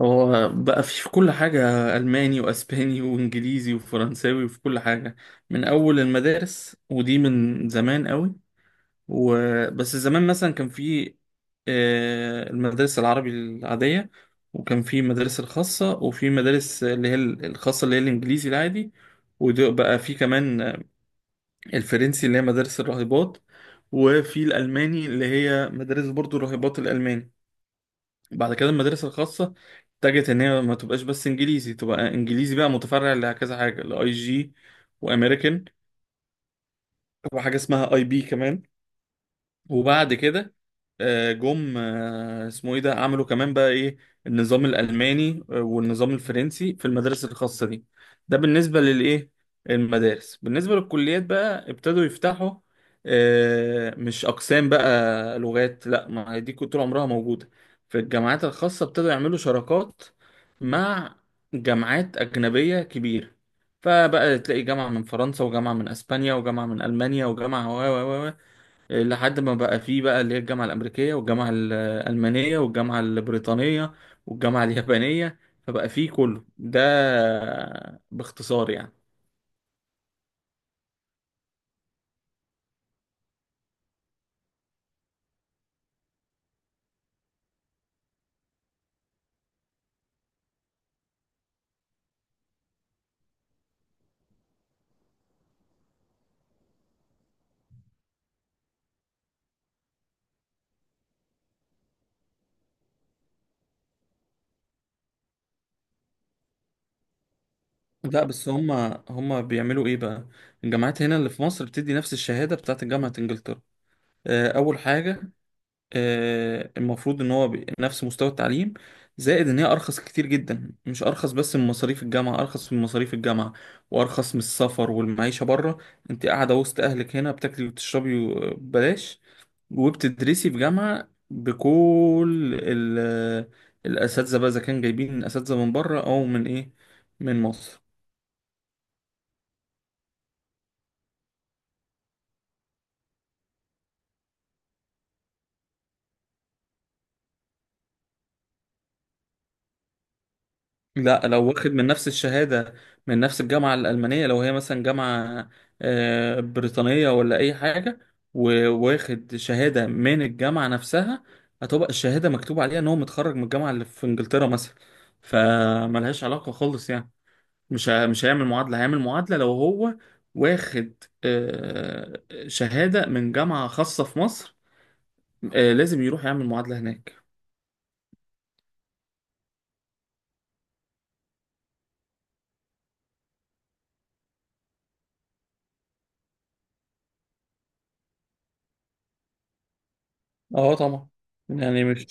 هو بقى في كل حاجة. ألماني وأسباني وإنجليزي وفرنساوي وفي كل حاجة من أول المدارس، ودي من زمان قوي. وبس زمان مثلا كان في المدارس العربي العادية، وكان في المدارس الخاصة، وفي مدارس اللي هي الخاصة اللي هي الإنجليزي العادي. وبقى في كمان الفرنسي اللي هي مدارس الراهبات، وفي الألماني اللي هي مدارس برضو الراهبات الألماني. بعد كده المدارس الخاصة اتجهت ان هي ما تبقاش بس انجليزي، تبقى انجليزي بقى متفرع لكذا حاجة: لاي جي، وامريكان، وحاجة اسمها اي بي كمان. وبعد كده آه، جم آه، اسمه ايه ده، عملوا كمان بقى ايه، النظام الالماني والنظام الفرنسي في المدارس الخاصه دي. ده بالنسبه للايه المدارس. بالنسبه للكليات بقى ابتدوا يفتحوا مش اقسام بقى لغات، لا، ما هي دي كنت طول عمرها موجوده. في الجامعات الخاصه ابتدوا يعملوا شراكات مع جامعات اجنبيه كبيره، فبقى تلاقي جامعه من فرنسا، وجامعه من اسبانيا، وجامعه من المانيا، وجامعه و و و، لحد ما بقى فيه بقى اللي هي الجامعة الأمريكية، والجامعة الألمانية، والجامعة البريطانية، والجامعة اليابانية. فبقى فيه كله ده، باختصار يعني. لا بس هما بيعملوا ايه بقى، الجامعات هنا اللي في مصر بتدي نفس الشهادة بتاعت جامعة انجلترا. أول حاجة، المفروض ان هو نفس مستوى التعليم. زائد ان هي ارخص كتير جدا، مش ارخص بس من مصاريف الجامعه، ارخص من مصاريف الجامعه وارخص من السفر والمعيشه بره. انت قاعده وسط اهلك هنا، بتاكلي وتشربي ببلاش، وبتدرسي في جامعه بكل الاساتذه بقى، اذا كان جايبين اساتذه من بره او من ايه، من مصر. لا لو واخد من نفس الشهادة، من نفس الجامعة الألمانية، لو هي مثلا جامعة بريطانية ولا أي حاجة، وواخد شهادة من الجامعة نفسها، هتبقى الشهادة مكتوب عليها إن هو متخرج من الجامعة اللي في إنجلترا مثلا. فملهاش علاقة خالص يعني. مش هيعمل معادلة. هيعمل معادلة لو هو واخد شهادة من جامعة خاصة في مصر، لازم يروح يعمل معادلة هناك. اه طبعا. يعني مش،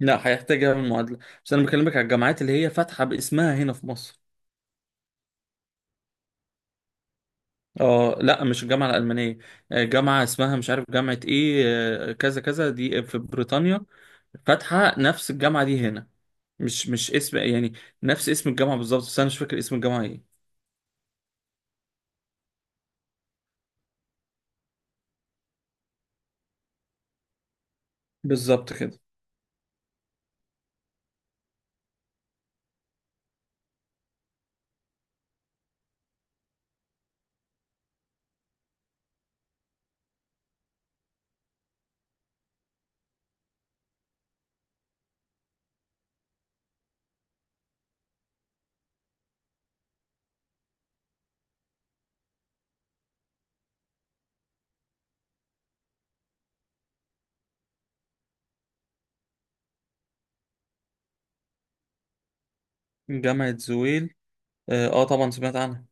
لا، هيحتاج يعمل معادلة، بس أنا بكلمك على الجامعات اللي هي فاتحة باسمها هنا في مصر. اه لا، مش الجامعة الألمانية، جامعة اسمها مش عارف جامعة ايه، كذا كذا دي في بريطانيا، فاتحة نفس الجامعة دي هنا. مش اسم يعني، نفس اسم الجامعة بالظبط، بس أنا مش فاكر اسم الجامعة ايه. بالظبط كده. جامعة زويل؟ اه طبعا سمعت عنها.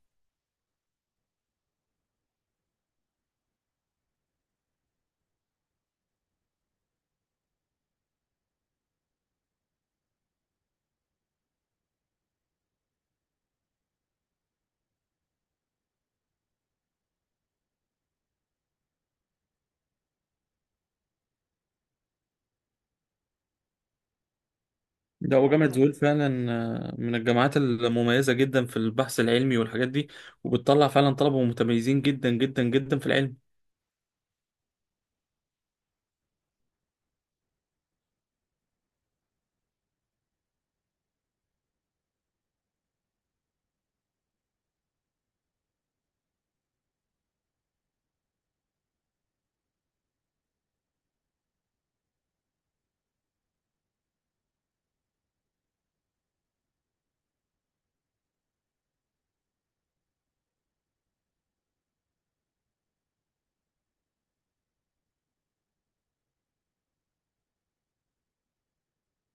لا، وجامعة زويل فعلا من الجامعات المميزة جدا في البحث العلمي والحاجات دي، وبتطلع فعلا طلبة متميزين جدا جدا جدا في العلم.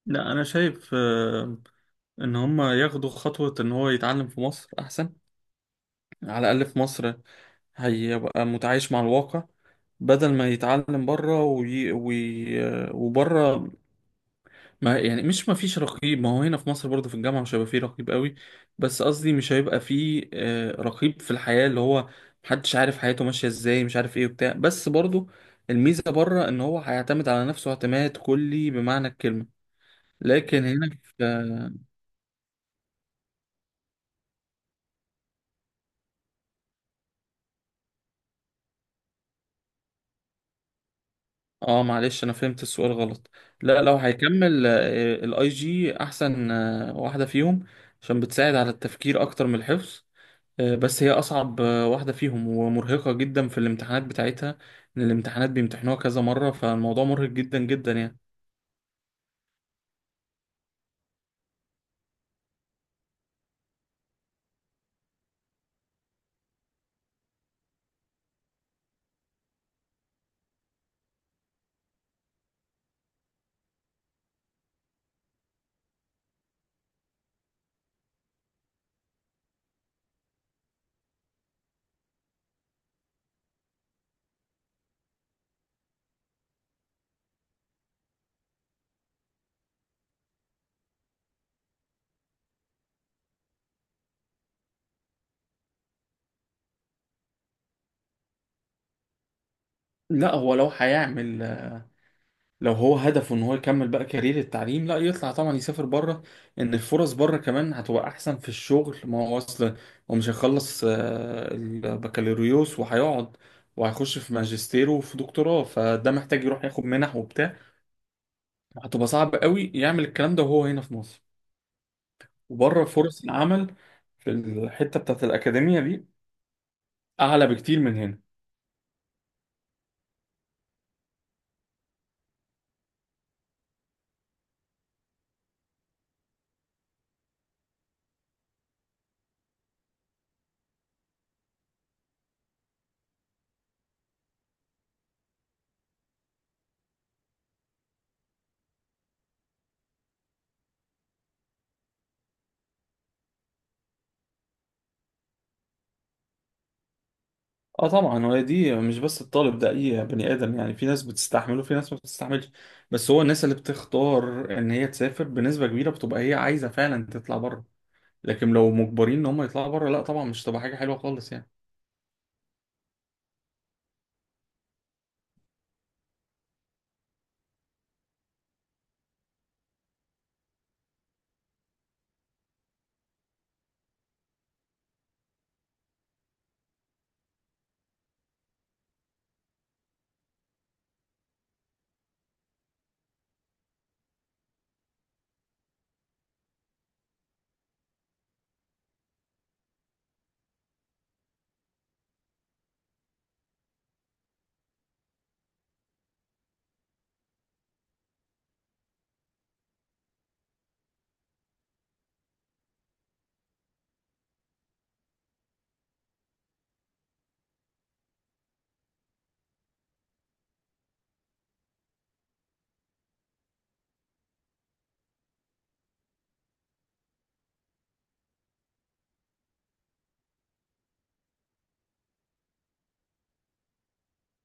لا انا شايف ان هم ياخدوا خطوة ان هو يتعلم في مصر احسن. على الاقل في مصر هيبقى متعايش مع الواقع، بدل ما يتعلم بره وبره ما، يعني، مش ما فيش رقيب، ما هو هنا في مصر برضه في الجامعة مش هيبقى فيه رقيب قوي، بس قصدي مش هيبقى فيه رقيب في الحياة اللي هو محدش عارف حياته ماشية ازاي، مش عارف ايه وبتاع. بس برضه الميزة بره ان هو هيعتمد على نفسه اعتماد كلي بمعنى الكلمة. لكن هنا في، اه معلش انا فهمت السؤال غلط. لا، لو هيكمل الاي جي احسن واحدة فيهم، عشان بتساعد على التفكير اكتر من الحفظ. بس هي اصعب واحدة فيهم، ومرهقة جدا في الامتحانات بتاعتها، ان الامتحانات بيمتحنوها كذا مرة، فالموضوع مرهق جدا جدا يعني. لا هو لو هيعمل، لو هو هدفه ان هو يكمل بقى كارير التعليم، لا يطلع طبعا، يسافر بره، ان الفرص بره كمان هتبقى احسن في الشغل. ما هو اصل هو مش هيخلص البكالوريوس وهيقعد، وهيخش في ماجستير وفي دكتوراه، فده محتاج يروح ياخد منح وبتاع، هتبقى صعب قوي يعمل الكلام ده وهو هنا في مصر. وبره فرص العمل في الحتة بتاعت الأكاديمية دي أعلى بكتير من هنا. اه طبعا. هو دي مش بس الطالب ده، اي بني ادم يعني، في ناس بتستحمله في ناس ما بتستحملش. بس هو الناس اللي بتختار ان هي تسافر بنسبه كبيره بتبقى هي عايزه فعلا تطلع بره، لكن لو مجبرين ان هم يطلعوا بره، لا طبعا مش تبقى حاجه حلوه خالص يعني.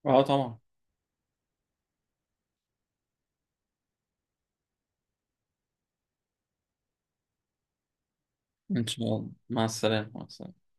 اه طبعا. ان شاء الله. مع السلامه، مع السلامه.